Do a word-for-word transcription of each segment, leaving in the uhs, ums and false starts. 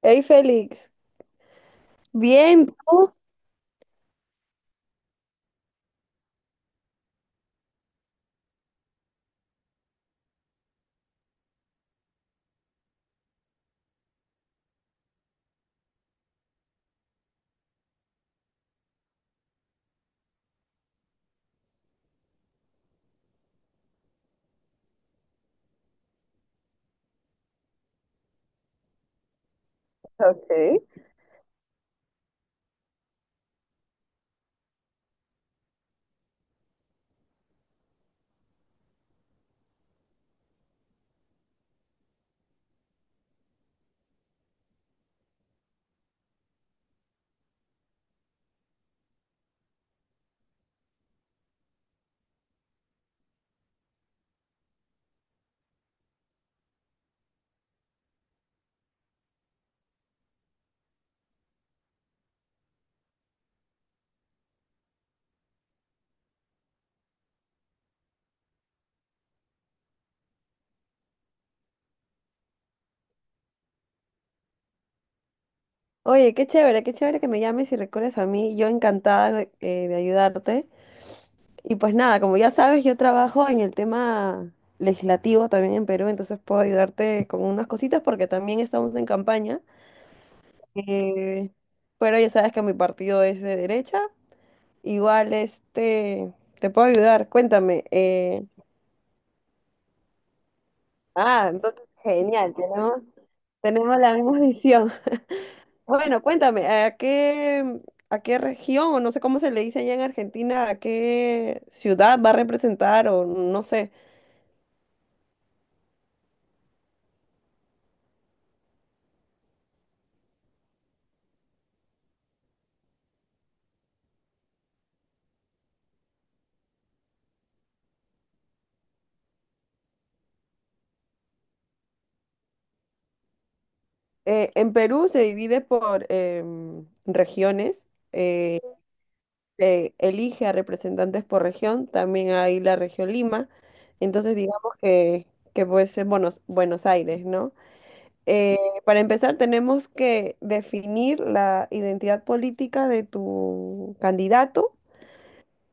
Hey Félix, bien, ¿tú? Ok. Oye, qué chévere, qué chévere que me llames y recuerdes a mí. Yo encantada eh, de ayudarte. Y pues nada, como ya sabes, yo trabajo en el tema legislativo también en Perú, entonces puedo ayudarte con unas cositas porque también estamos en campaña. Eh, pero ya sabes que mi partido es de derecha. Igual, este, te puedo ayudar. Cuéntame. eh, Ah, entonces, genial, tenemos, tenemos la misma visión. Bueno, cuéntame, ¿a qué, ¿a qué región, o no sé cómo se le dice allá en Argentina, a qué ciudad va a representar, o no sé? Eh, en Perú se divide por em, regiones, eh, se elige a representantes por región, también hay la región Lima, entonces digamos que, que puede ser Buenos, Buenos Aires, ¿no? Eh, para empezar, tenemos que definir la identidad política de tu candidato.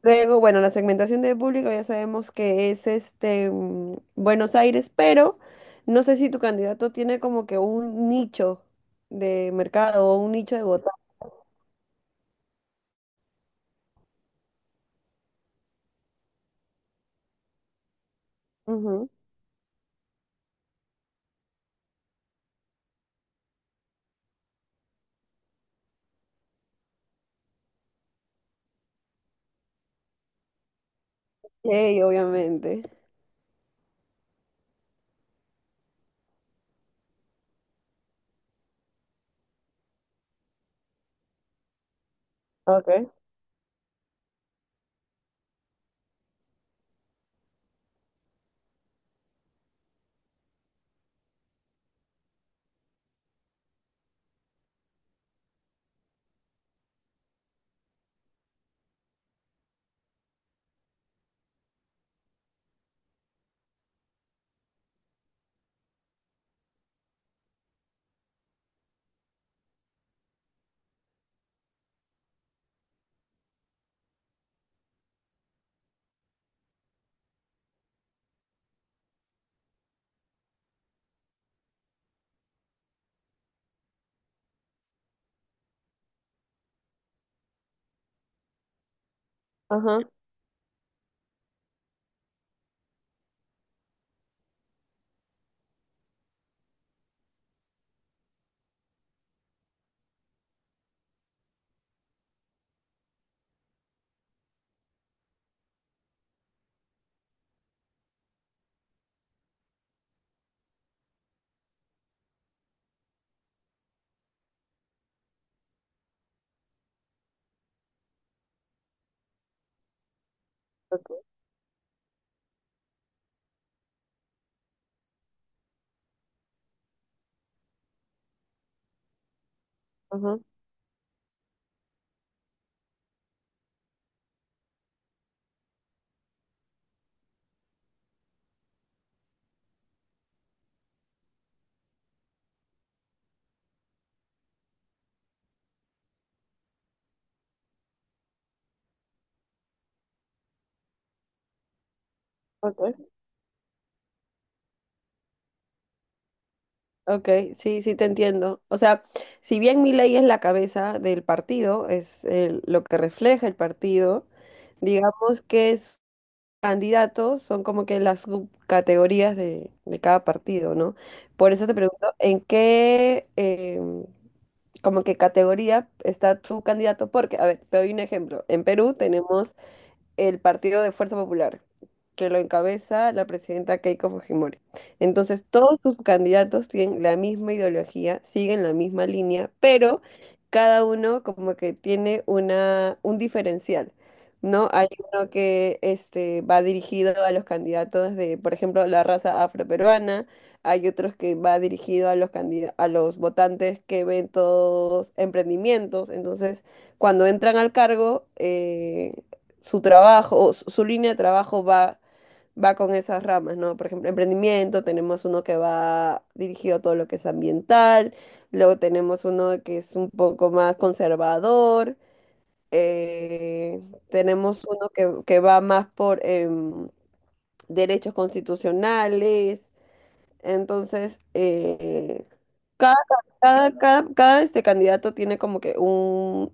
Luego, bueno, la segmentación de público ya sabemos que es este mm, Buenos Aires, pero no sé si tu candidato tiene como que un nicho de mercado o un nicho de votar. Ujú. Sí, obviamente. Okay. Ajá. Okay. Ajá. Okay. Ok, sí, sí te entiendo. O sea, si bien ley es la cabeza del partido, es el- lo que refleja el partido, digamos que es candidatos son como que las subcategorías de, de cada partido, ¿no? Por eso te pregunto, ¿en qué em, como que categoría está tu candidato? Porque, a ver, te doy un ejemplo. En Perú tenemos el Partido de Fuerza Popular, que lo encabeza la presidenta Keiko Fujimori. Entonces, todos sus candidatos tienen la misma ideología, siguen la misma línea, pero cada uno como que tiene una, un diferencial, ¿no? Hay uno que este, va dirigido a los candidatos de, por ejemplo, la raza afroperuana, hay otros que va dirigido a los candida- a los votantes que ven todos emprendimientos, entonces cuando entran al cargo, eh, su trabajo, o su, su línea de trabajo va, va con esas ramas, ¿no? Por ejemplo, emprendimiento, tenemos uno que va dirigido a todo lo que es ambiental, luego tenemos uno que es un poco más conservador, eh, tenemos uno que, que va más por em, derechos constitucionales, entonces, eh, cada, cada, cada, cada, este candidato tiene como que un,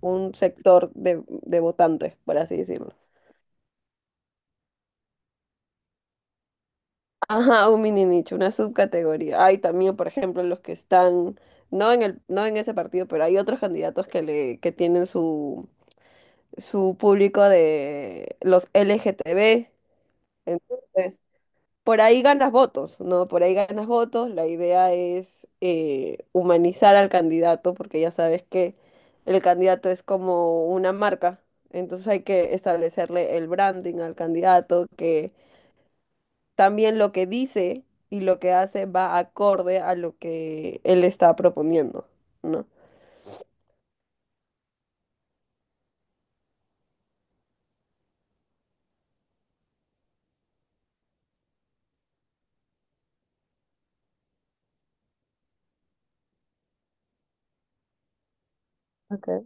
un sector de, de votantes, por así decirlo. Ajá, un mini nicho, una subcategoría. Hay también, por ejemplo, los que están, no en el, no en ese partido, pero hay otros candidatos que le, que tienen su, su público de los L G T B. Entonces, por ahí ganas votos, ¿no? Por ahí ganas votos. La idea es eh, humanizar al candidato, porque ya sabes que el candidato es como una marca. Entonces hay que establecerle el branding al candidato, que también lo que dice y lo que hace va acorde a lo que él está proponiendo, ¿no? Okay.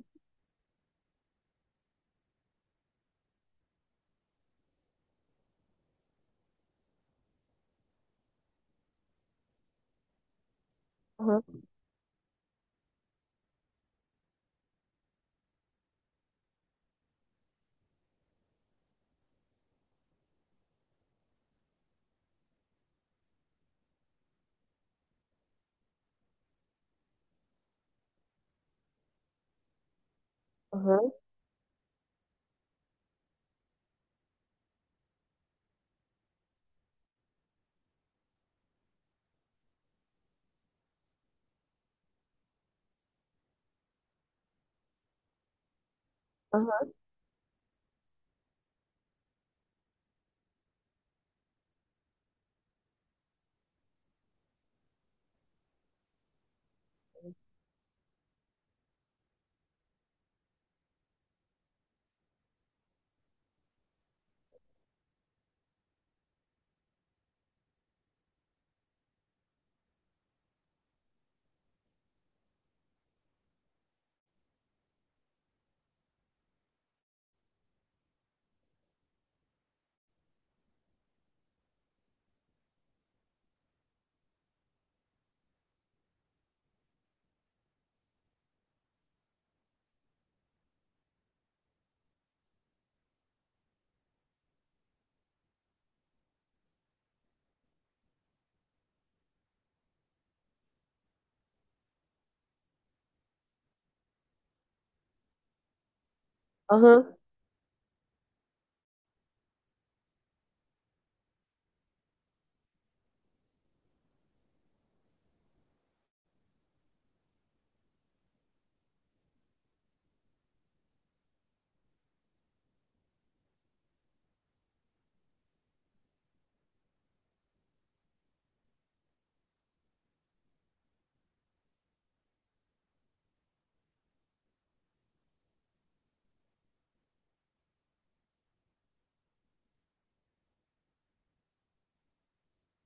Ajá, ajá, ajá, ajá.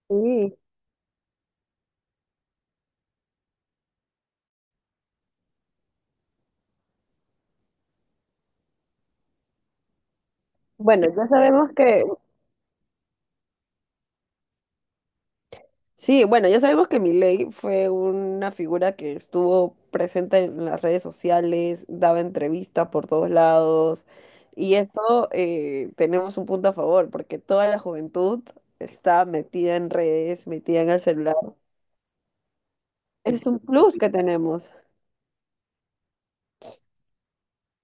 Sí. Bueno, ya sabemos que Sí, bueno, ya sabemos que Milei fue una figura que estuvo presente en las redes sociales, daba entrevistas por todos lados, y esto eh, tenemos un punto a favor, porque toda la juventud está metida en redes, metida en el celular. Es un plus que tenemos.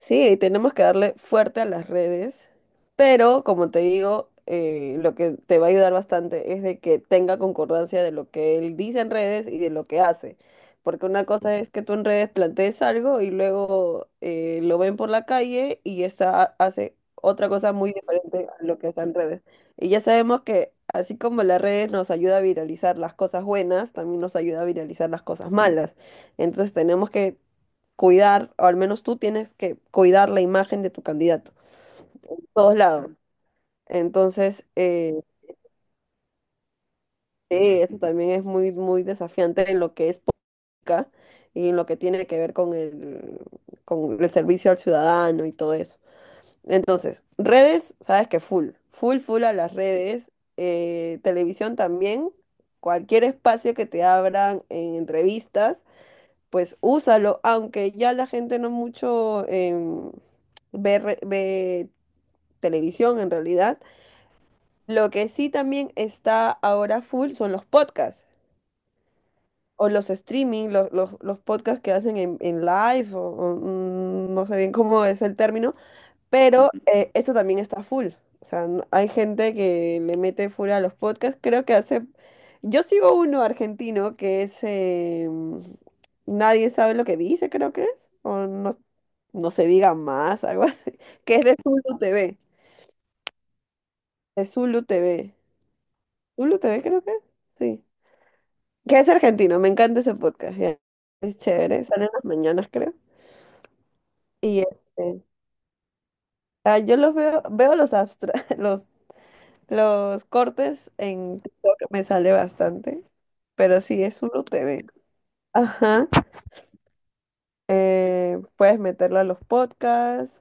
Sí, tenemos que darle fuerte a las redes, pero como te digo, eh, lo que te va a ayudar bastante es de que tenga concordancia de lo que él dice en redes y de lo que hace. Porque una cosa es que tú en redes plantees algo y luego eh, lo ven por la calle y esa hace otra cosa muy diferente a lo que está en redes. Y ya sabemos que así como las redes nos ayuda a viralizar las cosas buenas, también nos ayuda a viralizar las cosas malas. Entonces tenemos que cuidar, o al menos tú tienes que cuidar la imagen de tu candidato, en todos lados. Entonces, eh, sí, eso también es muy, muy desafiante en lo que es política y en lo que tiene que ver con el, con el servicio al ciudadano y todo eso. Entonces, redes, sabes que full, full, full a las redes, eh, televisión también, cualquier espacio que te abran en entrevistas, pues úsalo, aunque ya la gente no mucho em, ve, re- ve televisión en realidad. Lo que sí también está ahora full son los podcasts o los streaming, los, los, los podcasts que hacen en, en live o, o, mm, no sé bien cómo es el término, pero eh, esto también está full. O sea, n- hay gente que le mete full a los podcasts. Creo que hace... Yo sigo uno argentino que es... eh, Nadie sabe lo que dice, creo que es. O no, no se diga más, algo así. Que es de Zulu T V. De Zulu T V. Hulu T V creo que, sí. Que es argentino, me encanta ese podcast, ya. Es chévere, Salen las mañanas creo. Y este, ah, yo los veo, veo los abstra los, los cortes en TikTok, me sale bastante, pero sí, es Hulu T V. Ajá, eh, puedes meterlo a los podcasts.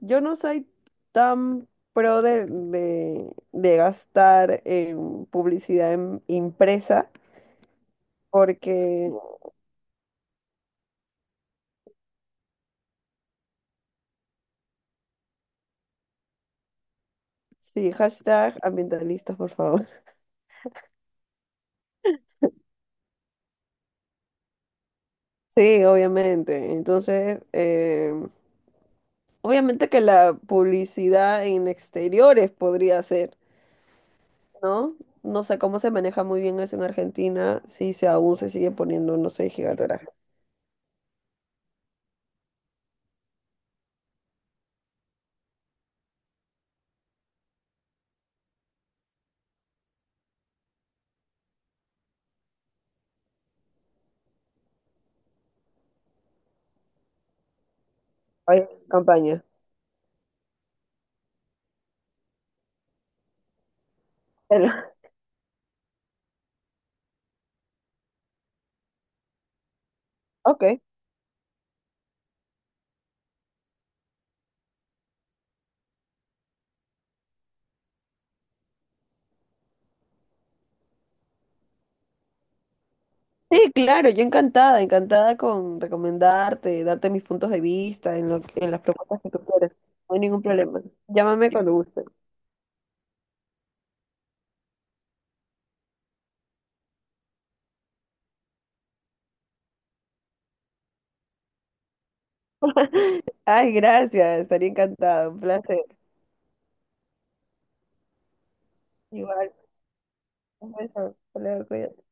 Yo no soy tan pro de, de, de gastar en publicidad en- impresa, porque sí, hashtag ambientalistas, por favor. Sí, obviamente. Entonces, eh, obviamente que la publicidad en exteriores podría ser, ¿no? No sé cómo se maneja muy bien eso en Argentina, si se aún se sigue poniendo, no sé, gigatoraje. Ay, campaña. Pero... Ok. Sí, claro, yo encantada, encantada con recomendarte, darte mis puntos de vista en lo, en las propuestas que tú quieras. No hay ningún problema. Llámame cuando guste. Ay, gracias, estaría encantado, un placer. Igual, un beso. Hasta luego, cuídate.